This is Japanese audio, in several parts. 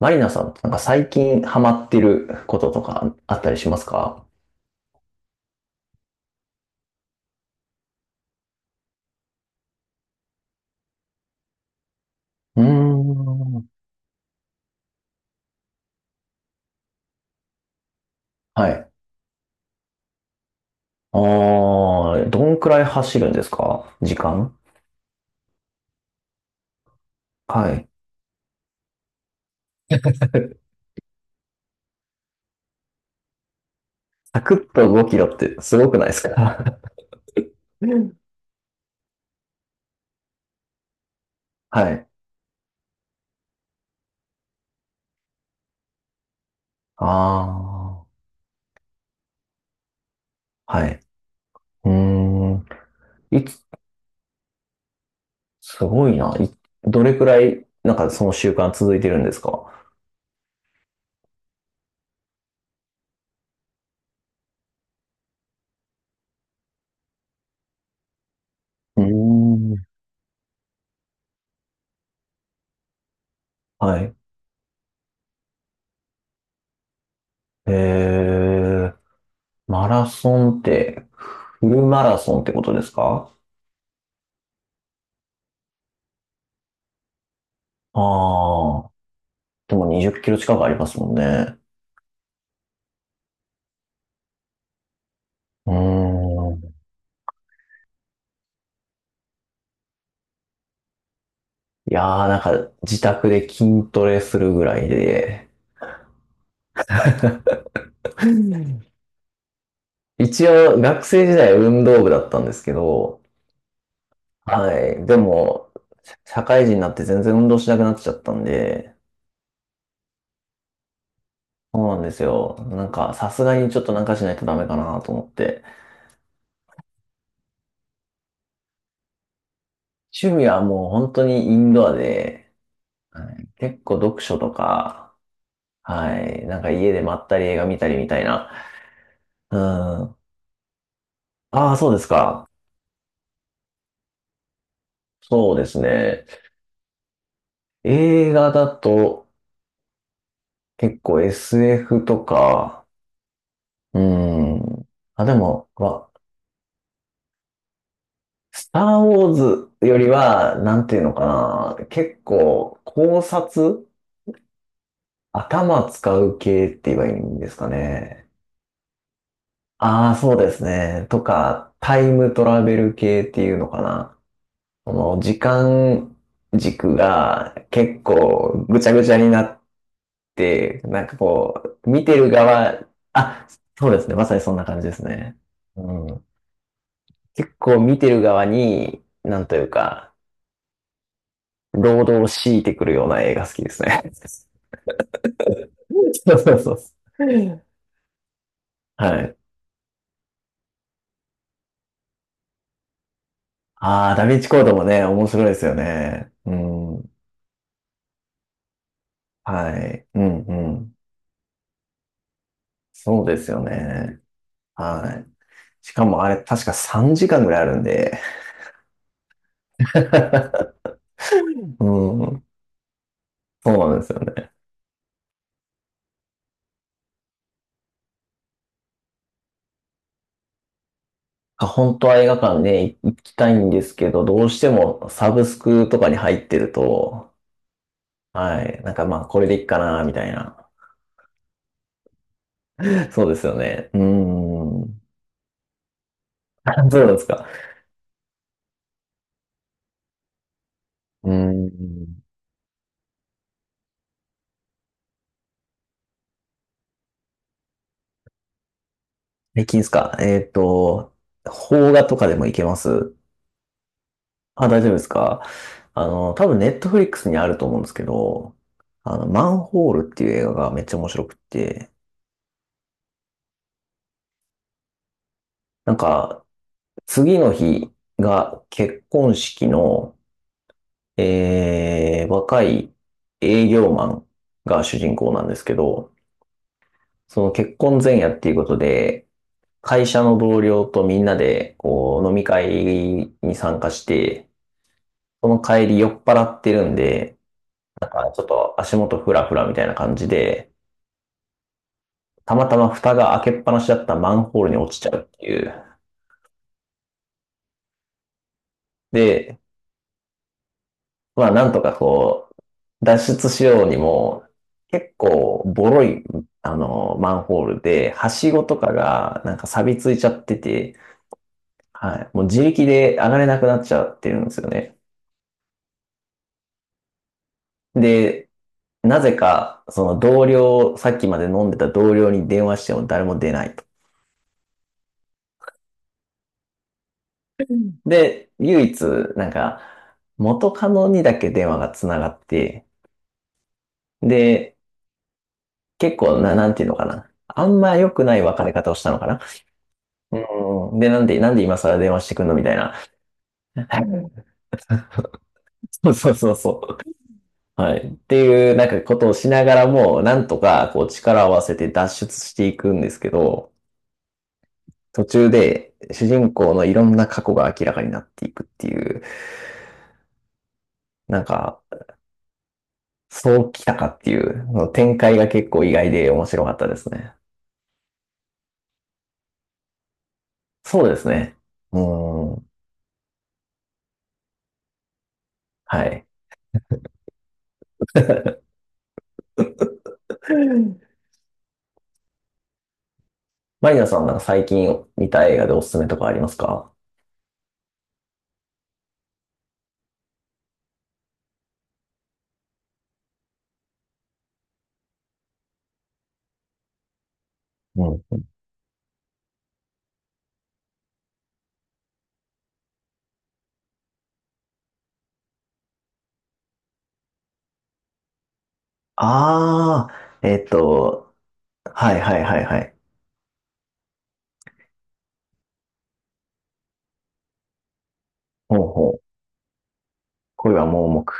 マリナさんってなんか最近ハマってることとかあったりしますか？うーん。はい。ああ、どんくらい走るんですか、時間？はい。サクッと5キロってすごくないですか？ はい。ああ、はい。うーん。いつ、すごいな。どれくらい、なんかその習慣続いてるんですか？うーん。はい。えー、マラソンって、フルマラソンってことですか？ああ、でも20キロ近くありますもんね。うーん。いやー、なんか自宅で筋トレするぐらいで。一応学生時代運動部だったんですけど、はい。でも、社会人になって全然運動しなくなっちゃったんで、そうなんですよ。なんかさすがにちょっとなんかしないとダメかなと思って。趣味はもう本当にインドアで、はい、結構読書とか、はい。なんか家でまったり映画見たりみたいな。うああ、そうですか。そうですね。映画だと結構 SF とか、うーん。あ、でも、スター・ウォーズよりは、なんていうのかな。結構考察、頭使う系って言えばいいんですかね。ああ、そうですね。とか、タイムトラベル系っていうのかな。この時間軸が結構ぐちゃぐちゃになっ、なんかこう、見てる側、あ、そうですね。まさにそんな感じですね。うん。結構見てる側に、なんというか、労働を強いてくるような映画好きですね。そうそうそう。はい。ああ、ダヴィンチコードもね、面白いですよね。うん。はい。うんうん。そうですよね。はい。しかもあれ、確か3時間ぐらいあるんで。うん。そうなんですよね。あ、本当は映画館ね、行きたいんですけど、どうしてもサブスクとかに入ってると、はい、なんかまあ、これでいいかな、みたいな。そうですよね。うーん。そうなんですか。うーん。最近ですか。邦画とかでも行けます？あ、大丈夫ですか。多分ネットフリックスにあると思うんですけど、マンホールっていう映画がめっちゃ面白くって、なんか、次の日が結婚式の、若い営業マンが主人公なんですけど、その結婚前夜っていうことで、会社の同僚とみんなで、こう、飲み会に参加して、その帰り酔っ払ってるんで、あ、ちょっと足元フラフラみたいな感じで、たまたま蓋が開けっぱなしだったマンホールに落ちちゃうっていう。で、まあ、なんとかこう、脱出しようにも、結構、ボロい、マンホールで、はしごとかが、なんか錆びついちゃってて、はい。もう自力で上がれなくなっちゃってるんですよね。で、なぜか、その同僚、さっきまで飲んでた同僚に電話しても誰も出ないと。で、唯一、なんか、元カノにだけ電話が繋がって、で、結構な、なんていうのかな。あんま良くない別れ方をしたのかな。うん。で、なんで今更電話してくんのみたいな。そうそうそうそう。はい。っていう、なんかことをしながらも、なんとか、こう、力を合わせて脱出していくんですけど、途中で、主人公のいろんな過去が明らかになっていくっていう、なんか、そうきたかっていう、の展開が結構意外で面白かったですね。そうですね。うん。はい。マリナさんなんか最近見た映画でおすすめとかありますか？うん。ああ、はいはいはいはい。ほうほう。恋は盲目。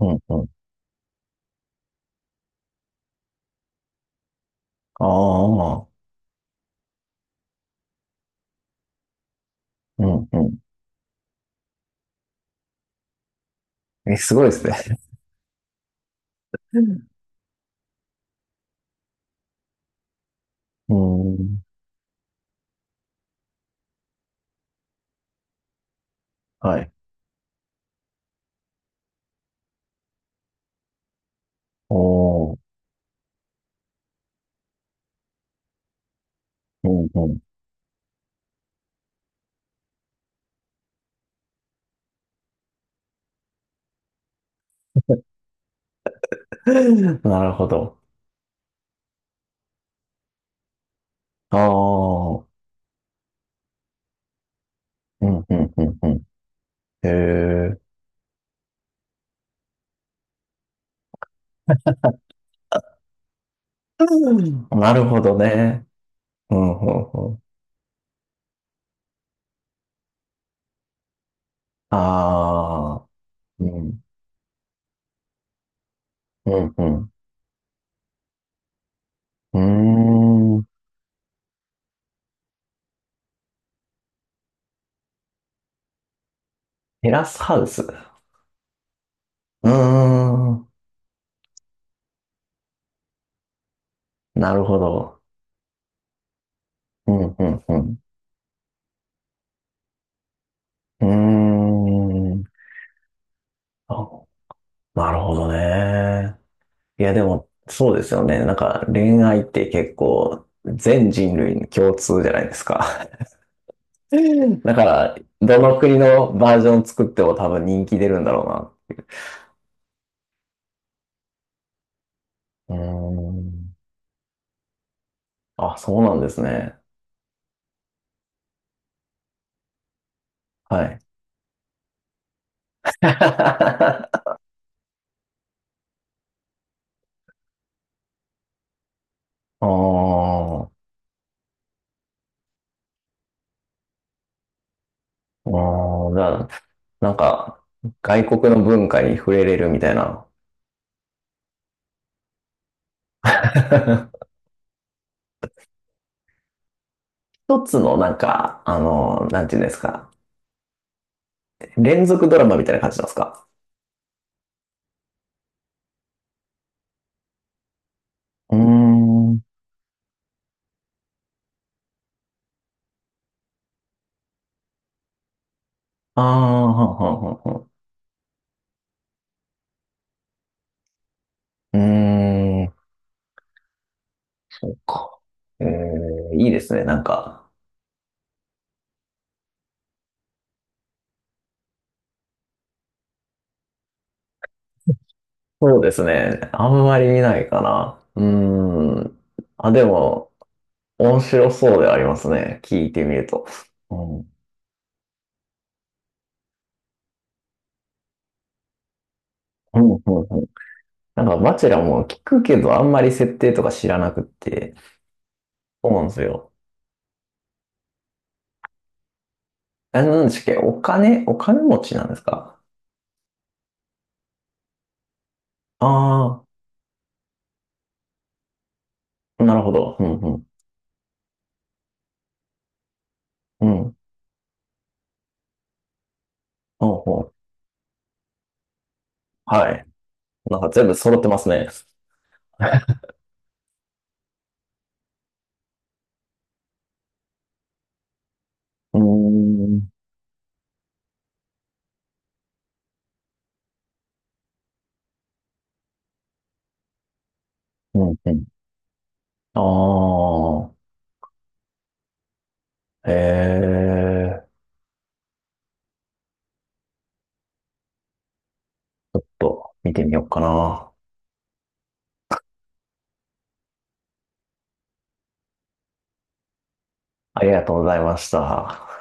うんうん。ああ、うんうん。え、すごいですね。うん。うーん。はい。おー。うんうん。なるほど。ああ、うんうんうんうん。へえ。うん。なるほどね。うんうんうん。ああ、うん。うんうん。うーん。テラスハウス。うーん。なるほど。うんうんうん。うーん。あ、なるほどね。いや、でも、そうですよね。なんか、恋愛って結構、全人類に共通じゃないですか。だから、どの国のバージョン作っても多分人気出るんだろうな。うーん。あ、そうなんですね。はい。ああ、ああ、じゃあ、なんか、外国の文化に触れれるみたいな。一つのなんか、なんていうんですか。連続ドラマみたいな感じなんですか？うーん。ああ、はんはんはんはん。うーん。そっか。えー、いいですね、なんか。そうですね。あんまり見ないかな。うーん。あ、でも、面白そうではありますね。聞いてみると。うん。うん、うん、うん。なんか、バチェラーも聞くけど、あんまり設定とか知らなくって。そうなんですよ。え、なんでしたっけ、お金持ちなんですか？ああー、なるほど。うんうん。うん。ほうほう。はい。なんか全部揃ってますね。うーん。うんうん。ああ。見てみようかな。ありがとうございました。